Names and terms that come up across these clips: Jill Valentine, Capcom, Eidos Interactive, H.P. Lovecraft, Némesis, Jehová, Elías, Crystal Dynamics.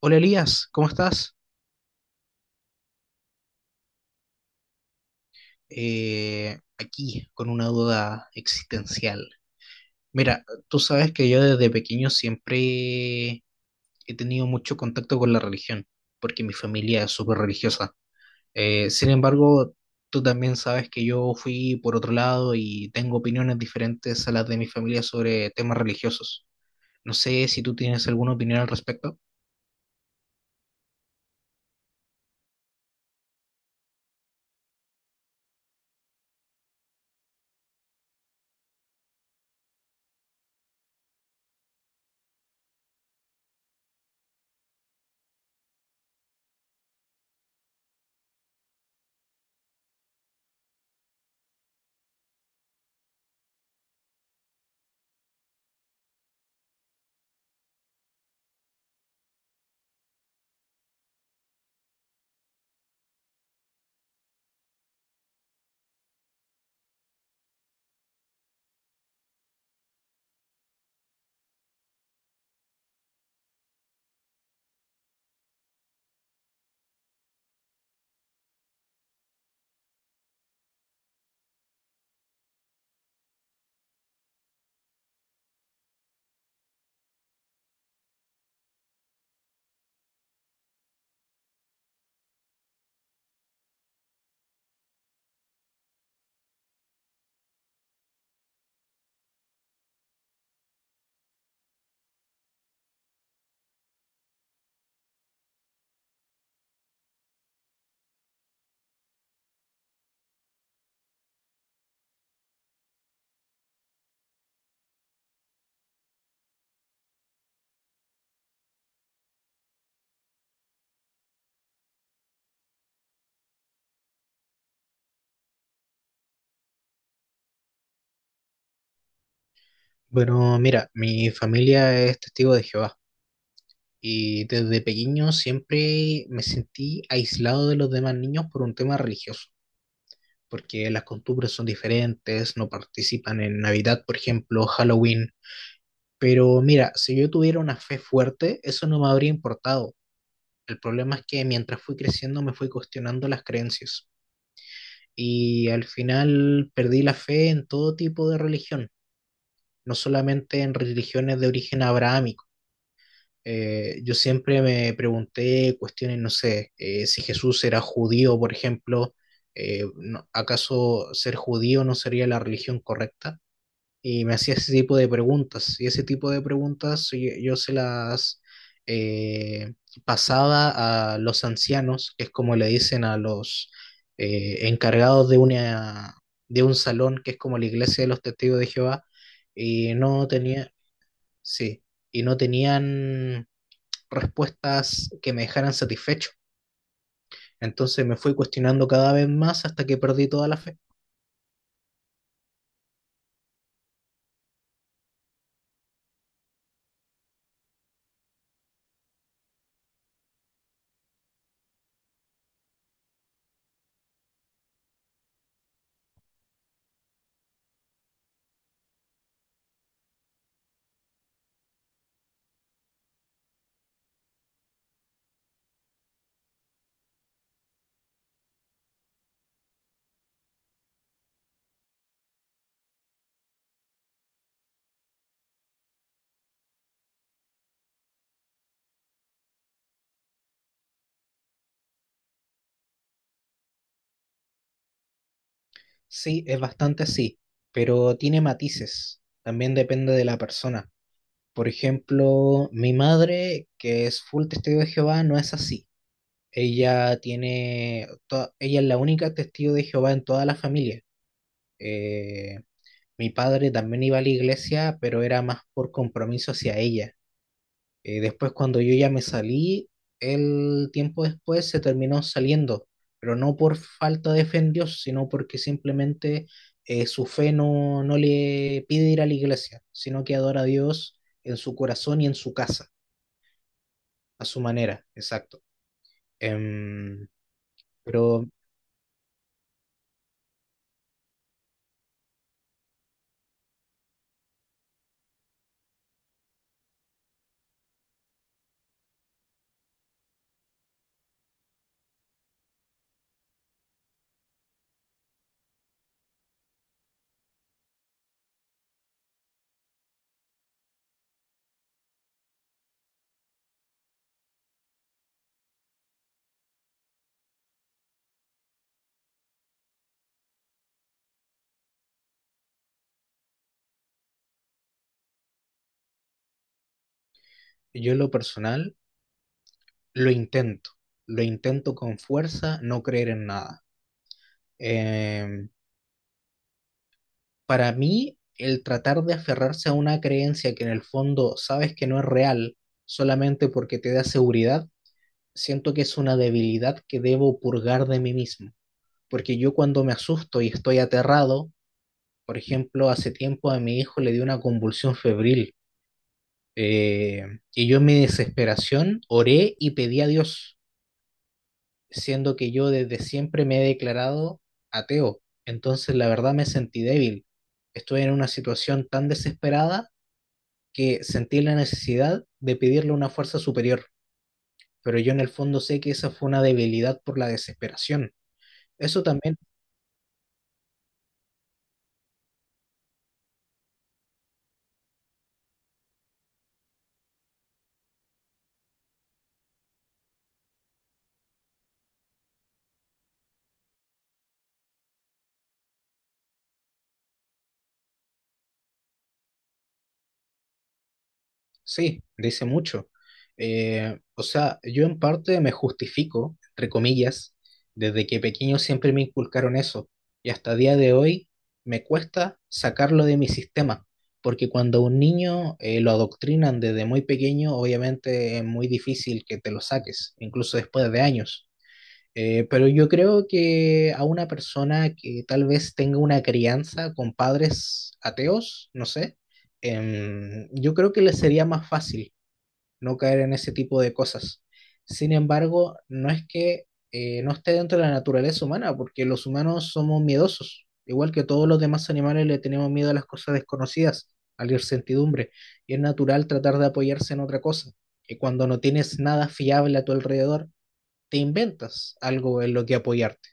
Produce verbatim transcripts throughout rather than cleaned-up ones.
Hola Elías, ¿cómo estás? Eh, aquí con una duda existencial. Mira, tú sabes que yo desde pequeño siempre he tenido mucho contacto con la religión, porque mi familia es súper religiosa. Eh, sin embargo, tú también sabes que yo fui por otro lado y tengo opiniones diferentes a las de mi familia sobre temas religiosos. No sé si tú tienes alguna opinión al respecto. Bueno, mira, mi familia es testigo de Jehová. Y desde pequeño siempre me sentí aislado de los demás niños por un tema religioso, porque las costumbres son diferentes, no participan en Navidad, por ejemplo, Halloween. Pero mira, si yo tuviera una fe fuerte, eso no me habría importado. El problema es que mientras fui creciendo me fui cuestionando las creencias y al final perdí la fe en todo tipo de religión, no solamente en religiones de origen abrahámico. Eh, yo siempre me pregunté cuestiones, no sé, eh, si Jesús era judío, por ejemplo, eh, no- ¿acaso ser judío no sería la religión correcta? Y me hacía ese tipo de preguntas, y ese tipo de preguntas yo, yo se las eh, pasaba a los ancianos, que es como le dicen a los eh, encargados de una, de un salón, que es como la iglesia de los testigos de Jehová, y no tenía, sí, y no tenían respuestas que me dejaran satisfecho. Entonces me fui cuestionando cada vez más hasta que perdí toda la fe. Sí, es bastante así, pero tiene matices. También depende de la persona. Por ejemplo, mi madre, que es full testigo de Jehová, no es así. Ella tiene, to- ella es la única testigo de Jehová en toda la familia. Eh, mi padre también iba a la iglesia, pero era más por compromiso hacia ella. Eh, después, cuando yo ya me salí, el tiempo después se terminó saliendo, pero no por falta de fe en Dios, sino porque simplemente eh, su fe no, no le pide ir a la iglesia, sino que adora a Dios en su corazón y en su casa, a su manera, exacto. Em, pero yo en lo personal lo intento, lo intento con fuerza, no creer en nada. Em, para mí, el tratar de aferrarse a una creencia que en el fondo sabes que no es real solamente porque te da seguridad, siento que es una debilidad que debo purgar de mí mismo. Porque yo cuando me asusto y estoy aterrado, por ejemplo, hace tiempo a mi hijo le dio una convulsión febril, eh, y yo en mi desesperación oré y pedí a Dios, siendo que yo desde siempre me he declarado ateo. Entonces la verdad me sentí débil. Estuve en una situación tan desesperada que sentí la necesidad de pedirle una fuerza superior, pero yo en el fondo sé que esa fue una debilidad por la desesperación. Eso también, sí, dice mucho. Eh, o sea, yo en parte me justifico, entre comillas, desde que pequeño siempre me inculcaron eso, y hasta día de hoy me cuesta sacarlo de mi sistema, porque cuando a un niño eh, lo adoctrinan desde muy pequeño, obviamente es muy difícil que te lo saques, incluso después de años. Eh, pero yo creo que a una persona que tal vez tenga una crianza con padres ateos, no sé, em, yo creo que le sería más fácil no caer en ese tipo de cosas. Sin embargo, no es que eh, no esté dentro de la naturaleza humana, porque los humanos somos miedosos, igual que todos los demás animales le tenemos miedo a las cosas desconocidas, a la incertidumbre, y es natural tratar de apoyarse en otra cosa. Y cuando no tienes nada fiable a tu alrededor, te inventas algo en lo que apoyarte.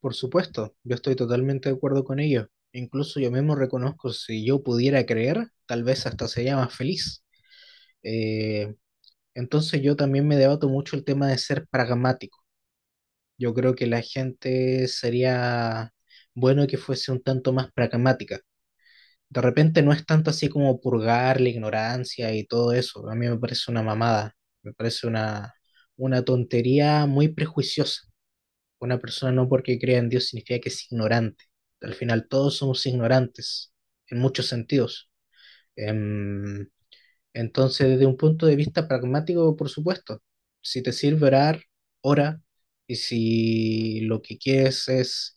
Por supuesto, yo estoy totalmente de acuerdo con ello. Incluso yo mismo reconozco, si yo pudiera creer, tal vez hasta sería más feliz. Eh, entonces yo también me debato mucho el tema de ser pragmático. Yo creo que la gente sería bueno que fuese un tanto más pragmática. De repente no es tanto así como purgar la ignorancia y todo eso. A mí me parece una mamada, me parece una, una tontería muy prejuiciosa. Una persona no porque crea en Dios significa que es ignorante. Al final todos somos ignorantes en muchos sentidos. Em, entonces, desde un punto de vista pragmático, por supuesto, si te sirve orar, ora. Y si lo que quieres es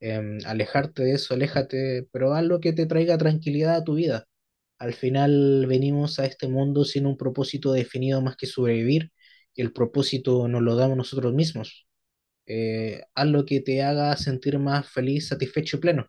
em, alejarte de eso, aléjate, pero haz lo que te traiga tranquilidad a tu vida. Al final venimos a este mundo sin un propósito definido más que sobrevivir, y el propósito nos lo damos nosotros mismos. Eh, haz lo que te haga sentir más feliz, satisfecho y pleno.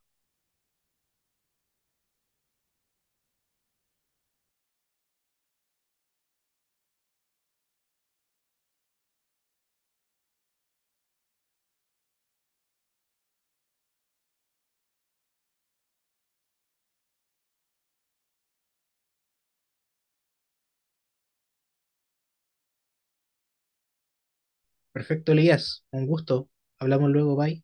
Perfecto, Elías. Un gusto. Hablamos luego, bye.